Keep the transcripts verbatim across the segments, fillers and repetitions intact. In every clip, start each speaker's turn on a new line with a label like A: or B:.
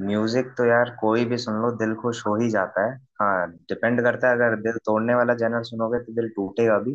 A: Music तो यार कोई भी सुन लो दिल खुश हो ही जाता है। हाँ डिपेंड करता है, अगर दिल तोड़ने वाला जनर सुनोगे तो दिल टूटेगा भी।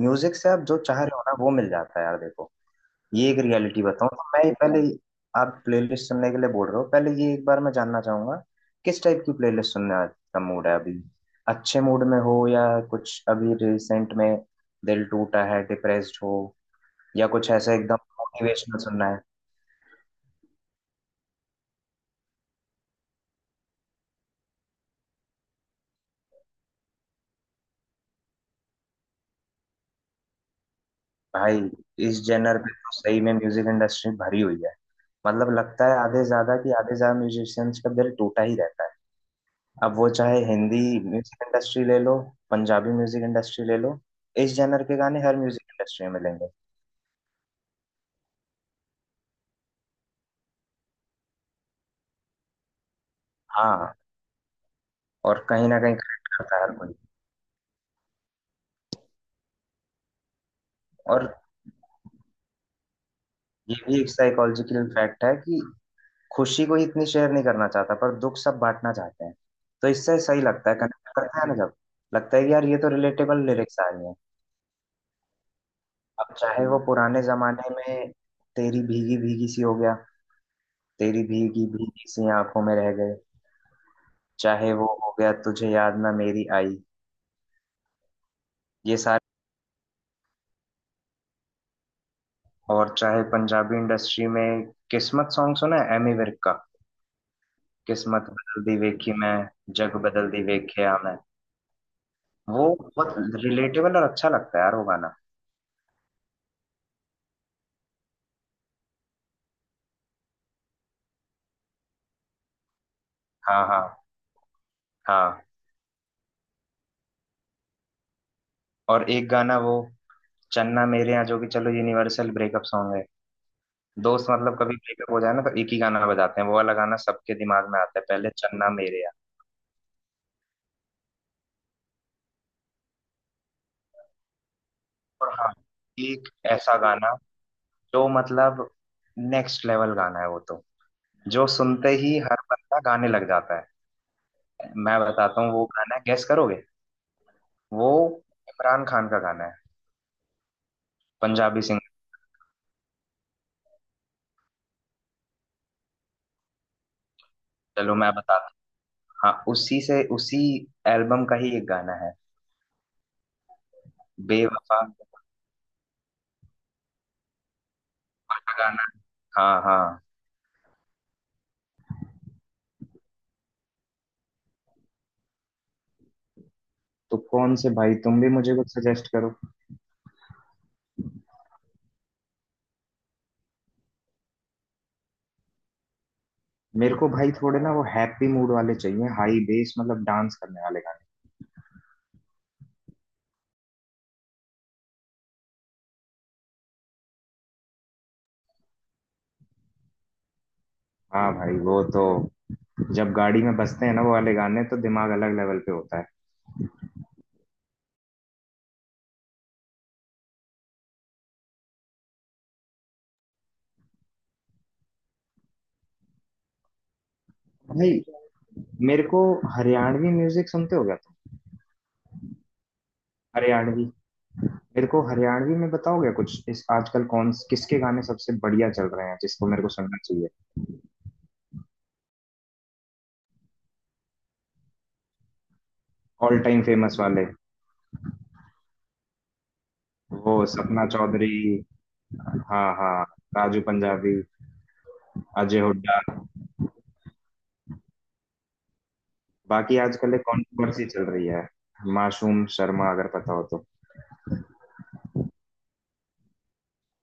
A: म्यूजिक से आप जो चाह रहे हो ना वो मिल जाता है यार, देखो। ये एक रियलिटी बताऊं तो मैं ये पहले, आप प्लेलिस्ट सुनने के लिए बोल रहे हो, पहले ये एक बार मैं जानना चाहूंगा किस टाइप की प्लेलिस्ट सुनने का मूड है अभी। अच्छे मूड में हो या कुछ अभी रिसेंट में दिल टूटा है, डिप्रेस्ड हो, या कुछ ऐसा एकदम मोटिवेशनल सुनना है। भाई इस जेनर पे तो सही में म्यूजिक इंडस्ट्री भरी हुई है। मतलब लगता है आधे से ज्यादा कि आधे से ज्यादा म्यूजिशियंस का दिल टूटा ही रहता है। अब वो चाहे हिंदी म्यूजिक इंडस्ट्री ले लो, पंजाबी म्यूजिक इंडस्ट्री ले लो, इस जेनर के गाने हर म्यूजिक इंडस्ट्री में मिलेंगे। हाँ, और कहीं ना कहीं कनेक्ट करता है हर कोई। और ये भी एक साइकोलॉजिकल फैक्ट है कि खुशी को इतनी शेयर नहीं करना चाहता, पर दुख सब बांटना चाहते हैं। तो इससे सही लगता है, कनेक्ट करता है ना। जब लगता है कि यार ये तो रिलेटेबल लिरिक्स आ रही हैं। अब चाहे वो पुराने जमाने में तेरी भीगी भीगी सी हो गया, तेरी भीगी भीगी सी आंखों में रह गए, चाहे वो हो गया तुझे याद ना मेरी आई, ये सारे। और चाहे पंजाबी इंडस्ट्री में, किस्मत सॉन्ग सुना है एमी विर्क का? किस्मत बदल दी वेखी मैं, जग बदल दी वेख्या मैं। वो बहुत रिलेटेबल और अच्छा लगता है यार वो गाना। हाँ हाँ हाँ। और एक गाना वो चन्ना मेरे यहाँ, जो कि चलो यूनिवर्सल ब्रेकअप सॉन्ग है। दोस्त मतलब कभी ब्रेकअप हो जाए ना तो एक ही गाना बजाते हैं, वो वाला गाना सबके दिमाग में आता है पहले, चन्ना मेरे यार। और हाँ, एक ऐसा गाना जो मतलब नेक्स्ट लेवल गाना है वो तो, जो सुनते ही हर बंदा गाने लग जाता है। मैं बताता हूँ वो गाना है, गेस करोगे? वो इमरान खान का गाना है, पंजाबी सिंगर। चलो मैं बताता हूँ। हाँ उसी से उसी एल्बम का ही एक गाना है, बेवफा का गाना। हाँ हाँ। तो कौन से भाई, तुम भी मुझे कुछ सजेस्ट करो। मेरे को भाई थोड़े ना वो हैप्पी मूड वाले चाहिए, हाई बेस, मतलब डांस करने वाले गाने। हाँ भाई वो तो जब गाड़ी में बजते हैं ना वो वाले गाने तो दिमाग अलग लेवल पे होता है। भाई मेरे को हरियाणवी म्यूजिक सुनते हो क्या तुम? हरियाणवी, मेरे को हरियाणवी में बताओगे कुछ इस, आजकल कौन किसके गाने सबसे बढ़िया चल रहे हैं जिसको मेरे को सुनना चाहिए? ऑल टाइम फेमस वाले, वो सपना चौधरी। हाँ हाँ। राजू पंजाबी, अजय हुड्डा। बाकी आजकल एक कॉन्ट्रोवर्सी चल रही है, मासूम शर्मा, अगर पता हो तो।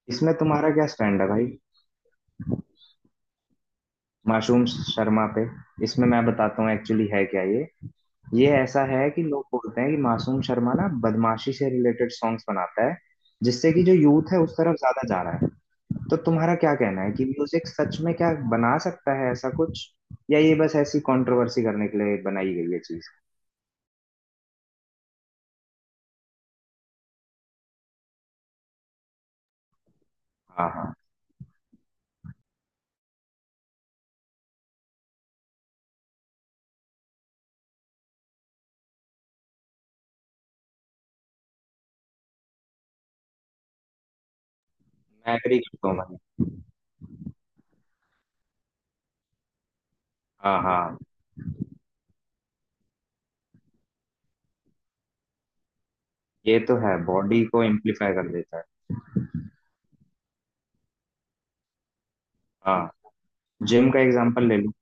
A: इसमें तुम्हारा क्या स्टैंड है भाई? मासूम शर्मा पे। इसमें मैं बताता हूँ एक्चुअली है क्या ये। ये ऐसा है कि लोग बोलते हैं कि मासूम शर्मा ना बदमाशी से रिलेटेड सॉन्ग्स बनाता है, जिससे कि जो यूथ है उस तरफ ज्यादा जा रहा है। तो तुम्हारा क्या कहना है कि म्यूजिक सच में क्या बना सकता है ऐसा कुछ, या ये बस ऐसी कंट्रोवर्सी करने के लिए बनाई गई है चीज? हाँ हाँ, मैं एग्री करता हूँ भाई। हाँ हाँ, ये तो है, बॉडी को एम्प्लीफाई कर देता है। हाँ, जिम का एग्जांपल ले लूँ।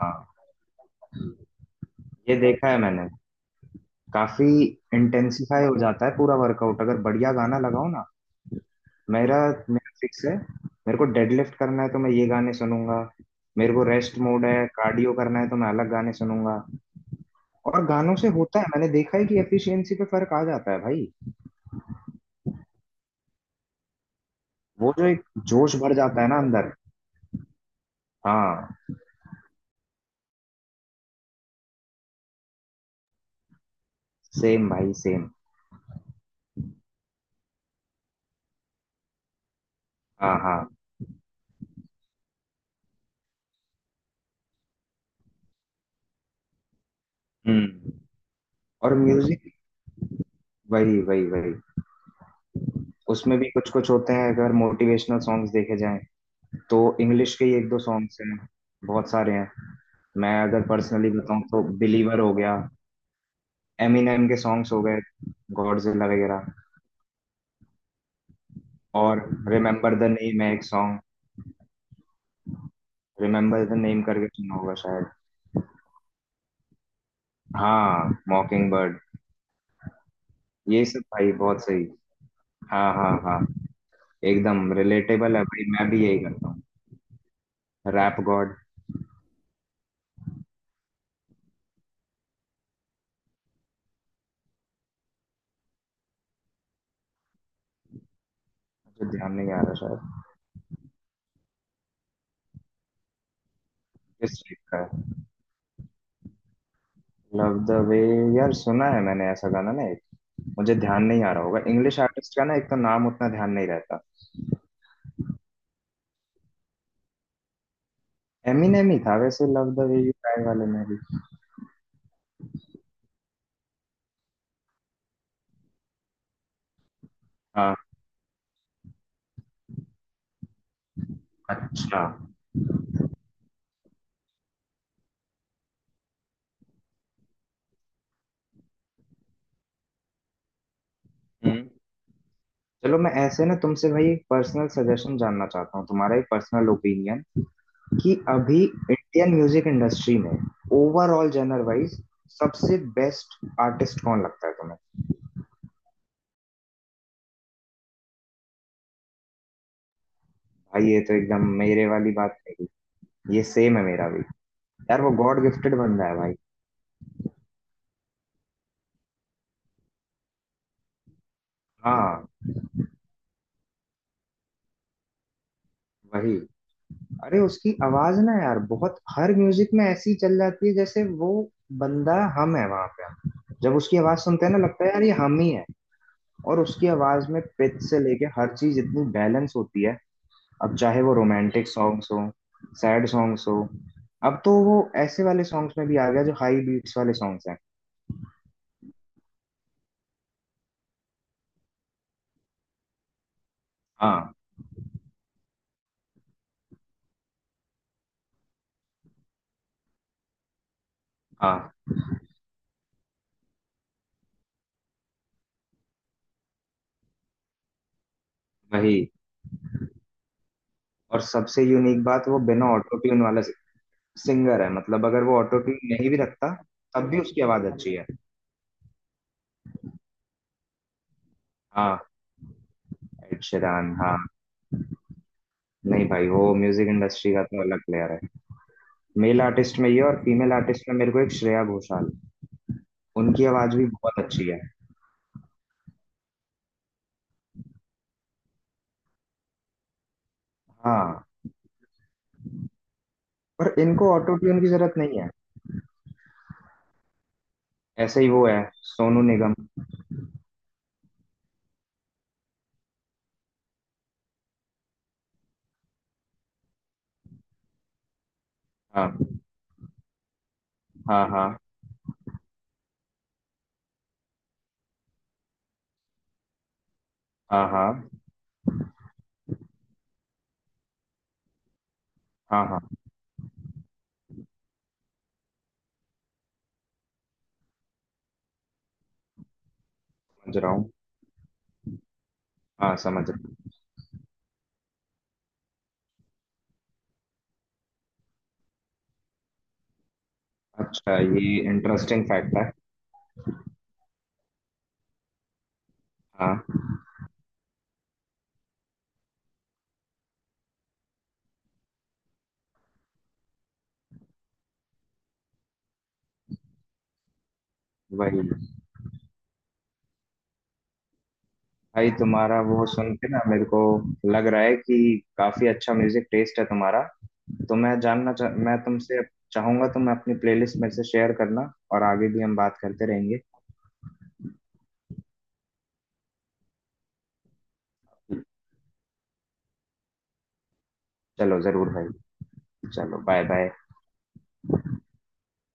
A: हाँ, ये देखा है मैंने, काफी इंटेंसिफाई हो जाता है पूरा वर्कआउट अगर बढ़िया गाना लगाओ ना। मेरा मेरा फिक्स है, मेरे को डेडलिफ्ट करना है तो मैं ये गाने सुनूंगा, मेरे को रेस्ट मोड है, कार्डियो करना है तो मैं अलग गाने सुनूंगा। और गानों से होता है, मैंने देखा है कि एफिशिएंसी पे फर्क आ जाता है भाई। वो जो एक जोश भर जाता है ना अंदर। हाँ, सेम भाई सेम। हाँ हाँ। हम्म। और म्यूजिक, वही वही वही। उसमें भी कुछ कुछ होते हैं, अगर मोटिवेशनल सॉन्ग्स देखे जाएं तो इंग्लिश के ही एक दो सॉन्ग्स हैं, बहुत सारे हैं। मैं अगर पर्सनली बताऊं तो बिलीवर हो गया, एमिनेम के सॉन्ग्स हो गए, गॉडजिला वगैरह। और रिमेम्बर द नेम है एक सॉन्ग, रिमेम्बर द नेम करके सुना होगा शायद। हाँ मॉकिंग बर्ड। ये सब भाई बहुत सही। हाँ हाँ हाँ, एकदम रिलेटेबल है भाई, मैं भी यही करता हूँ। Rap God. मुझे ध्यान नहीं आ रहा शायद। किस टाइप का है? Love the way. यार सुना है मैंने ऐसा गाना ना एक, मुझे ध्यान नहीं आ रहा होगा, इंग्लिश आर्टिस्ट का ना एक तो नाम उतना ध्यान नहीं रहता। एमिनेम ही था वैसे love the way you cry वाले में भी। हाँ, अच्छा। हम्म। चलो मैं ऐसे ना तुमसे भाई एक पर्सनल सजेशन जानना चाहता हूँ, तुम्हारा एक पर्सनल ओपिनियन, कि अभी इंडियन म्यूजिक इंडस्ट्री में ओवरऑल जनर वाइज सबसे बेस्ट आर्टिस्ट कौन लगता है तुम्हें? भाई ये तो एकदम मेरे वाली बात, नहीं ये सेम है मेरा भी। यार वो गॉड गिफ्टेड बंदा है भाई। हाँ, वही। अरे उसकी आवाज ना यार बहुत हर म्यूजिक में ऐसी चल जाती है, जैसे वो बंदा हम है वहां पे, जब उसकी आवाज सुनते हैं ना लगता है यार ये हम ही है। और उसकी आवाज में पिच से लेके हर चीज इतनी बैलेंस होती है, अब चाहे वो रोमांटिक सॉन्ग्स हो, सैड सॉन्ग्स हो। अब तो वो ऐसे वाले सॉन्ग्स में भी आ गया जो हाई बीट्स वाले सॉन्ग्स हैं। हाँ हाँ, वही। और सबसे यूनिक बात, वो बिना ऑटो ट्यून वाला सिंगर है, मतलब अगर वो ऑटो ट्यून नहीं भी रखता तब भी उसकी आवाज अच्छी है। हाँ एड शेरान, हाँ। नहीं भाई, वो म्यूजिक इंडस्ट्री का तो अलग प्लेयर है। मेल आर्टिस्ट में ये, और फीमेल आर्टिस्ट में मेरे को एक श्रेया घोषाल, उनकी आवाज भी बहुत अच्छी है। हाँ, पर इनको ऑटो ट्यून की जरूरत नहीं है। ऐसे ही वो है सोनू निगम। हाँ हाँ हाँ हाँ हाँ हाँ हाँ, समझ रहा हूँ। हाँ समझ रहा हूँ। अच्छा, ये इंटरेस्टिंग फैक्ट है। हाँ, वही। भाई तुम्हारा वो सुन के ना मेरे को लग रहा है कि काफी अच्छा म्यूजिक टेस्ट है तुम्हारा। तो मैं जानना चाह मैं तुमसे चाहूंगा तुम अपनी प्लेलिस्ट में से शेयर करना, और आगे भी हम बात करते रहेंगे। चलो जरूर भाई। चलो बाय बाय।